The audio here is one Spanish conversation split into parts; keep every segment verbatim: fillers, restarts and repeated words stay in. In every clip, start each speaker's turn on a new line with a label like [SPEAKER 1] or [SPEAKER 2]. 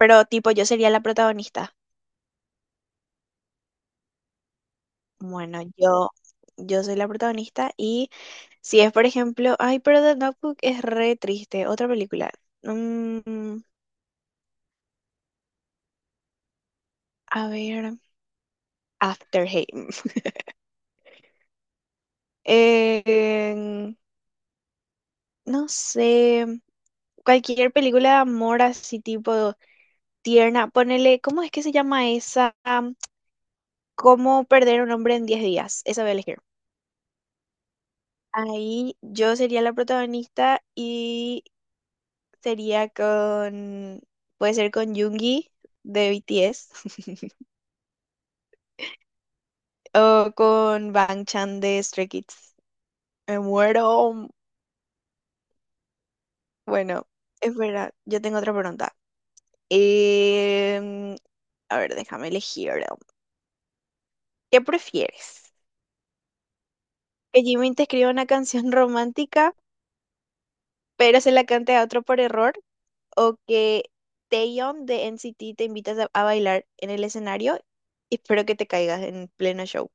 [SPEAKER 1] Pero tipo, yo sería la protagonista. Bueno, yo, yo soy la protagonista y si es, por ejemplo, ay, pero The Notebook es re triste, otra película. Mm, a ver, After Hate. Eh, no sé, cualquier película de amor así tipo tierna, ponele, ¿cómo es que se llama esa? Am, ¿Cómo perder un hombre en diez días? Esa voy a elegir. Ahí yo sería la protagonista, sería con, puede ser con Yoongi de B T S, o con Bang Chan de Stray Kids. Me muero. Bueno, espera, yo tengo otra pregunta. Em, a ver, déjame elegir. ¿Qué prefieres? ¿Que Jimin te escriba una canción romántica, pero se la cante a otro por error? ¿O que Taeyeon de N C T te invitas a, a bailar en el escenario y espero que te caigas en pleno show?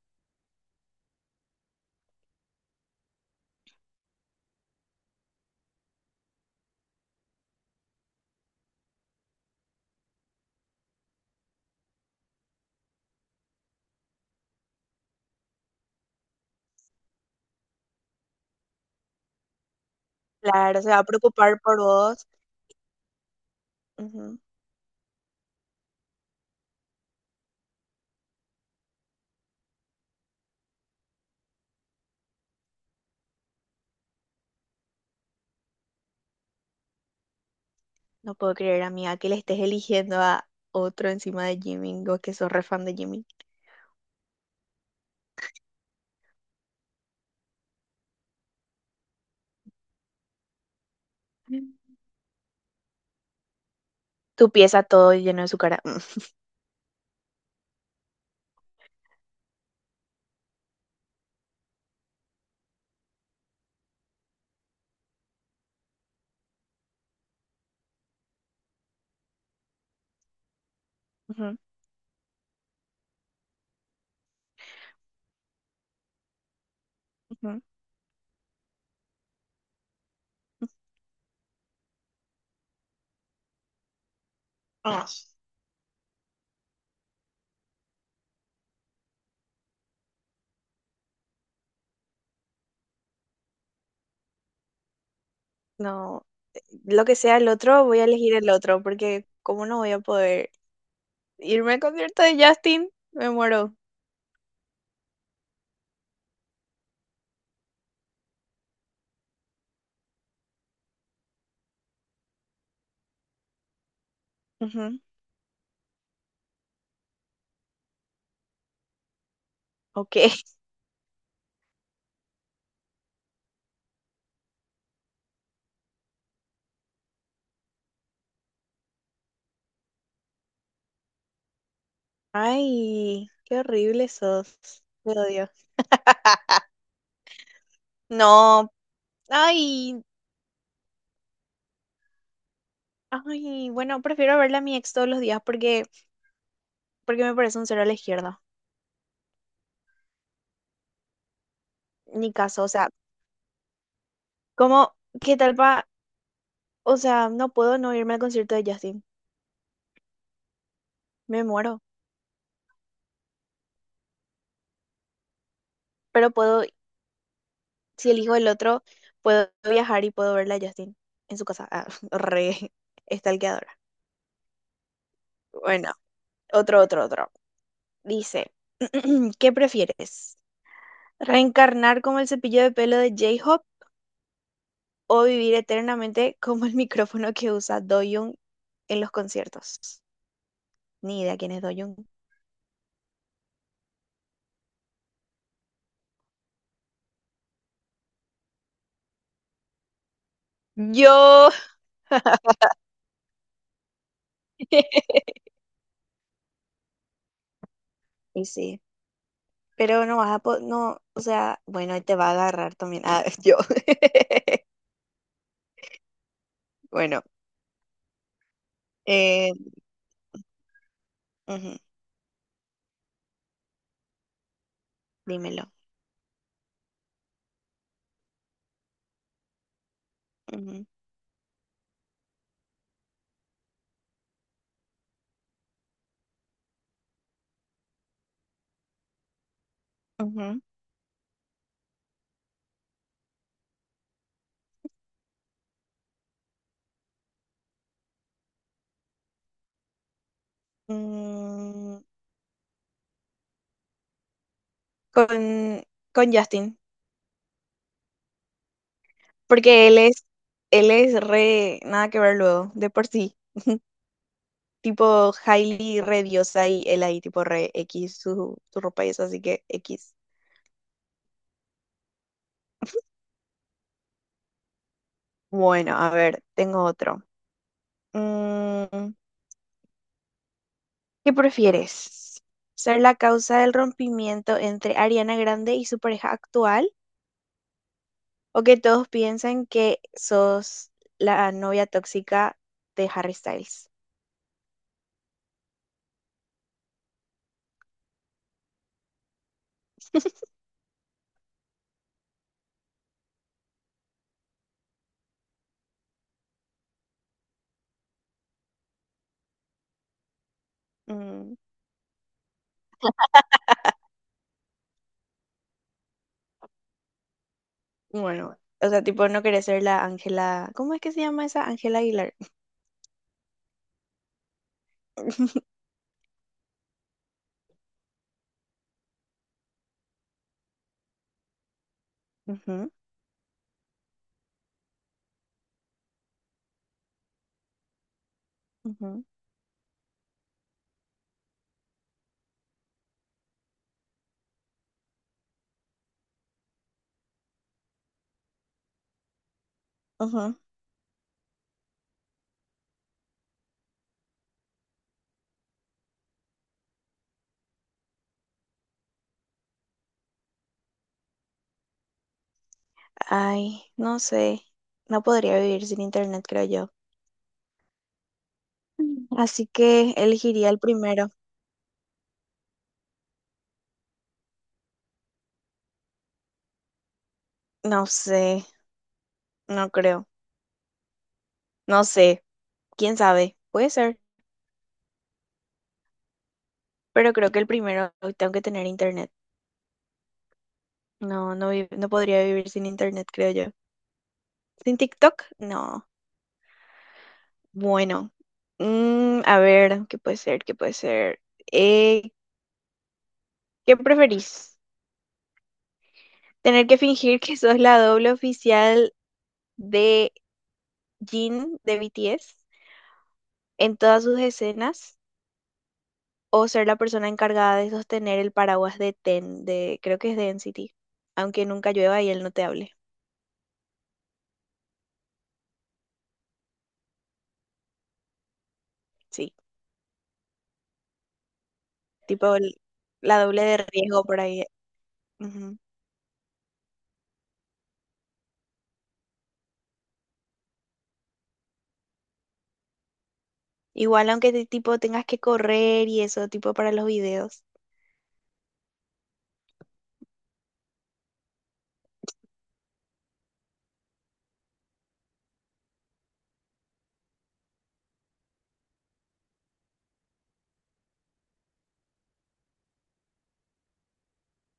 [SPEAKER 1] Claro, se va a preocupar por vos. Ujú. No puedo creer, amiga, que le estés eligiendo a otro encima de Jimin, o que sos re fan de Jimin. Mm. Tu pieza todo lleno de su cara. Mm. Ujú, ujú. Ah, No, lo que sea el otro, voy a elegir el otro, porque ¿cómo no voy a poder irme al concierto de Justin? Me muero. Ujú. Ok. Ay, qué horrible sos. Te odio. No, ay, ay, bueno, prefiero verle a mi ex todos los días porque, porque me parece un cero a la izquierda. Ni caso, o sea. ¿Cómo? ¿Qué tal pa? O sea, no puedo no irme al concierto de Justin. Me muero. Pero puedo, si elijo el otro, puedo viajar y puedo verla a Justin en su casa. Ah, re estalqueadora. Bueno, otro, otro, otro, dice. ¿Qué prefieres? ¿Reencarnar como el cepillo de pelo de J-Hope o vivir eternamente como el micrófono que usa Doyoung en los conciertos? Ni idea quién es Doyoung. Yo. Y sí. Pero no vas a po- no, o sea, bueno, y te va a agarrar también. Ah, yo. Bueno, eh, ujú, dímelo. Ujú, ujú. Mm, con, con, Justin, porque él es, él es re, nada que ver luego, de por sí. Tipo Hailey re diosa y él ahí tipo re X su, su ropa y eso, así que X. Bueno, a ver, tengo otro. Mm, ¿Qué prefieres? ¿Ser la causa del rompimiento entre Ariana Grande y su pareja actual? ¿O que todos piensen que sos la novia tóxica de Harry Styles? Mm, bueno, o sea, tipo, no querés ser la Ángela. ¿Cómo es que se llama esa? Ángela Aguilar. Ujú, ujú, ujú. Ay, no sé. No podría vivir sin internet, creo yo. Así que elegiría el primero. No sé, no creo. No sé, quién sabe. Puede ser. Pero creo que el primero, tengo que tener internet. No, no, vi- no podría vivir sin internet, creo yo. ¿Sin TikTok? No. Bueno. Mm, a ver, ¿qué puede ser? ¿Qué puede ser? Eh, ¿qué preferís? ¿Tener que fingir que sos la doble oficial de Jin de B T S en todas sus escenas? ¿O ser la persona encargada de sostener el paraguas de Ten, de, creo que es de N C T? Aunque nunca llueva y él no te hable. Sí, tipo el- la doble de riesgo por ahí. Igual aunque te- tipo tengas que correr y eso, tipo para los videos.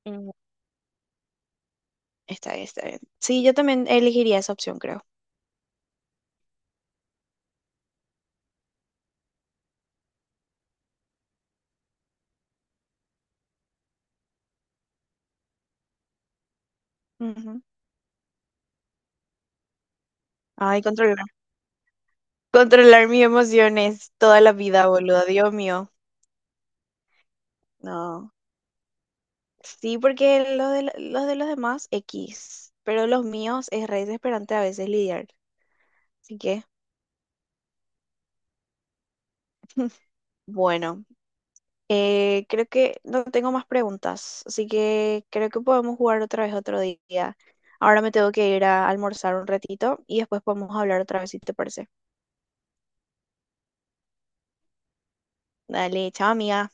[SPEAKER 1] Mm, Está bien, está bien. Sí, yo también elegiría esa opción, creo. Ujú. Ay, controlar. Controlar mis emociones toda la vida, boludo. Dios mío. No. Sí, porque los de, los de, los demás, X. Pero los míos es re desesperante a veces lidiar. Así que, bueno. Eh, creo que no tengo más preguntas, así que creo que podemos jugar otra vez otro día. Ahora me tengo que ir a almorzar un ratito y después podemos hablar otra vez si te parece. Dale, chao, amiga.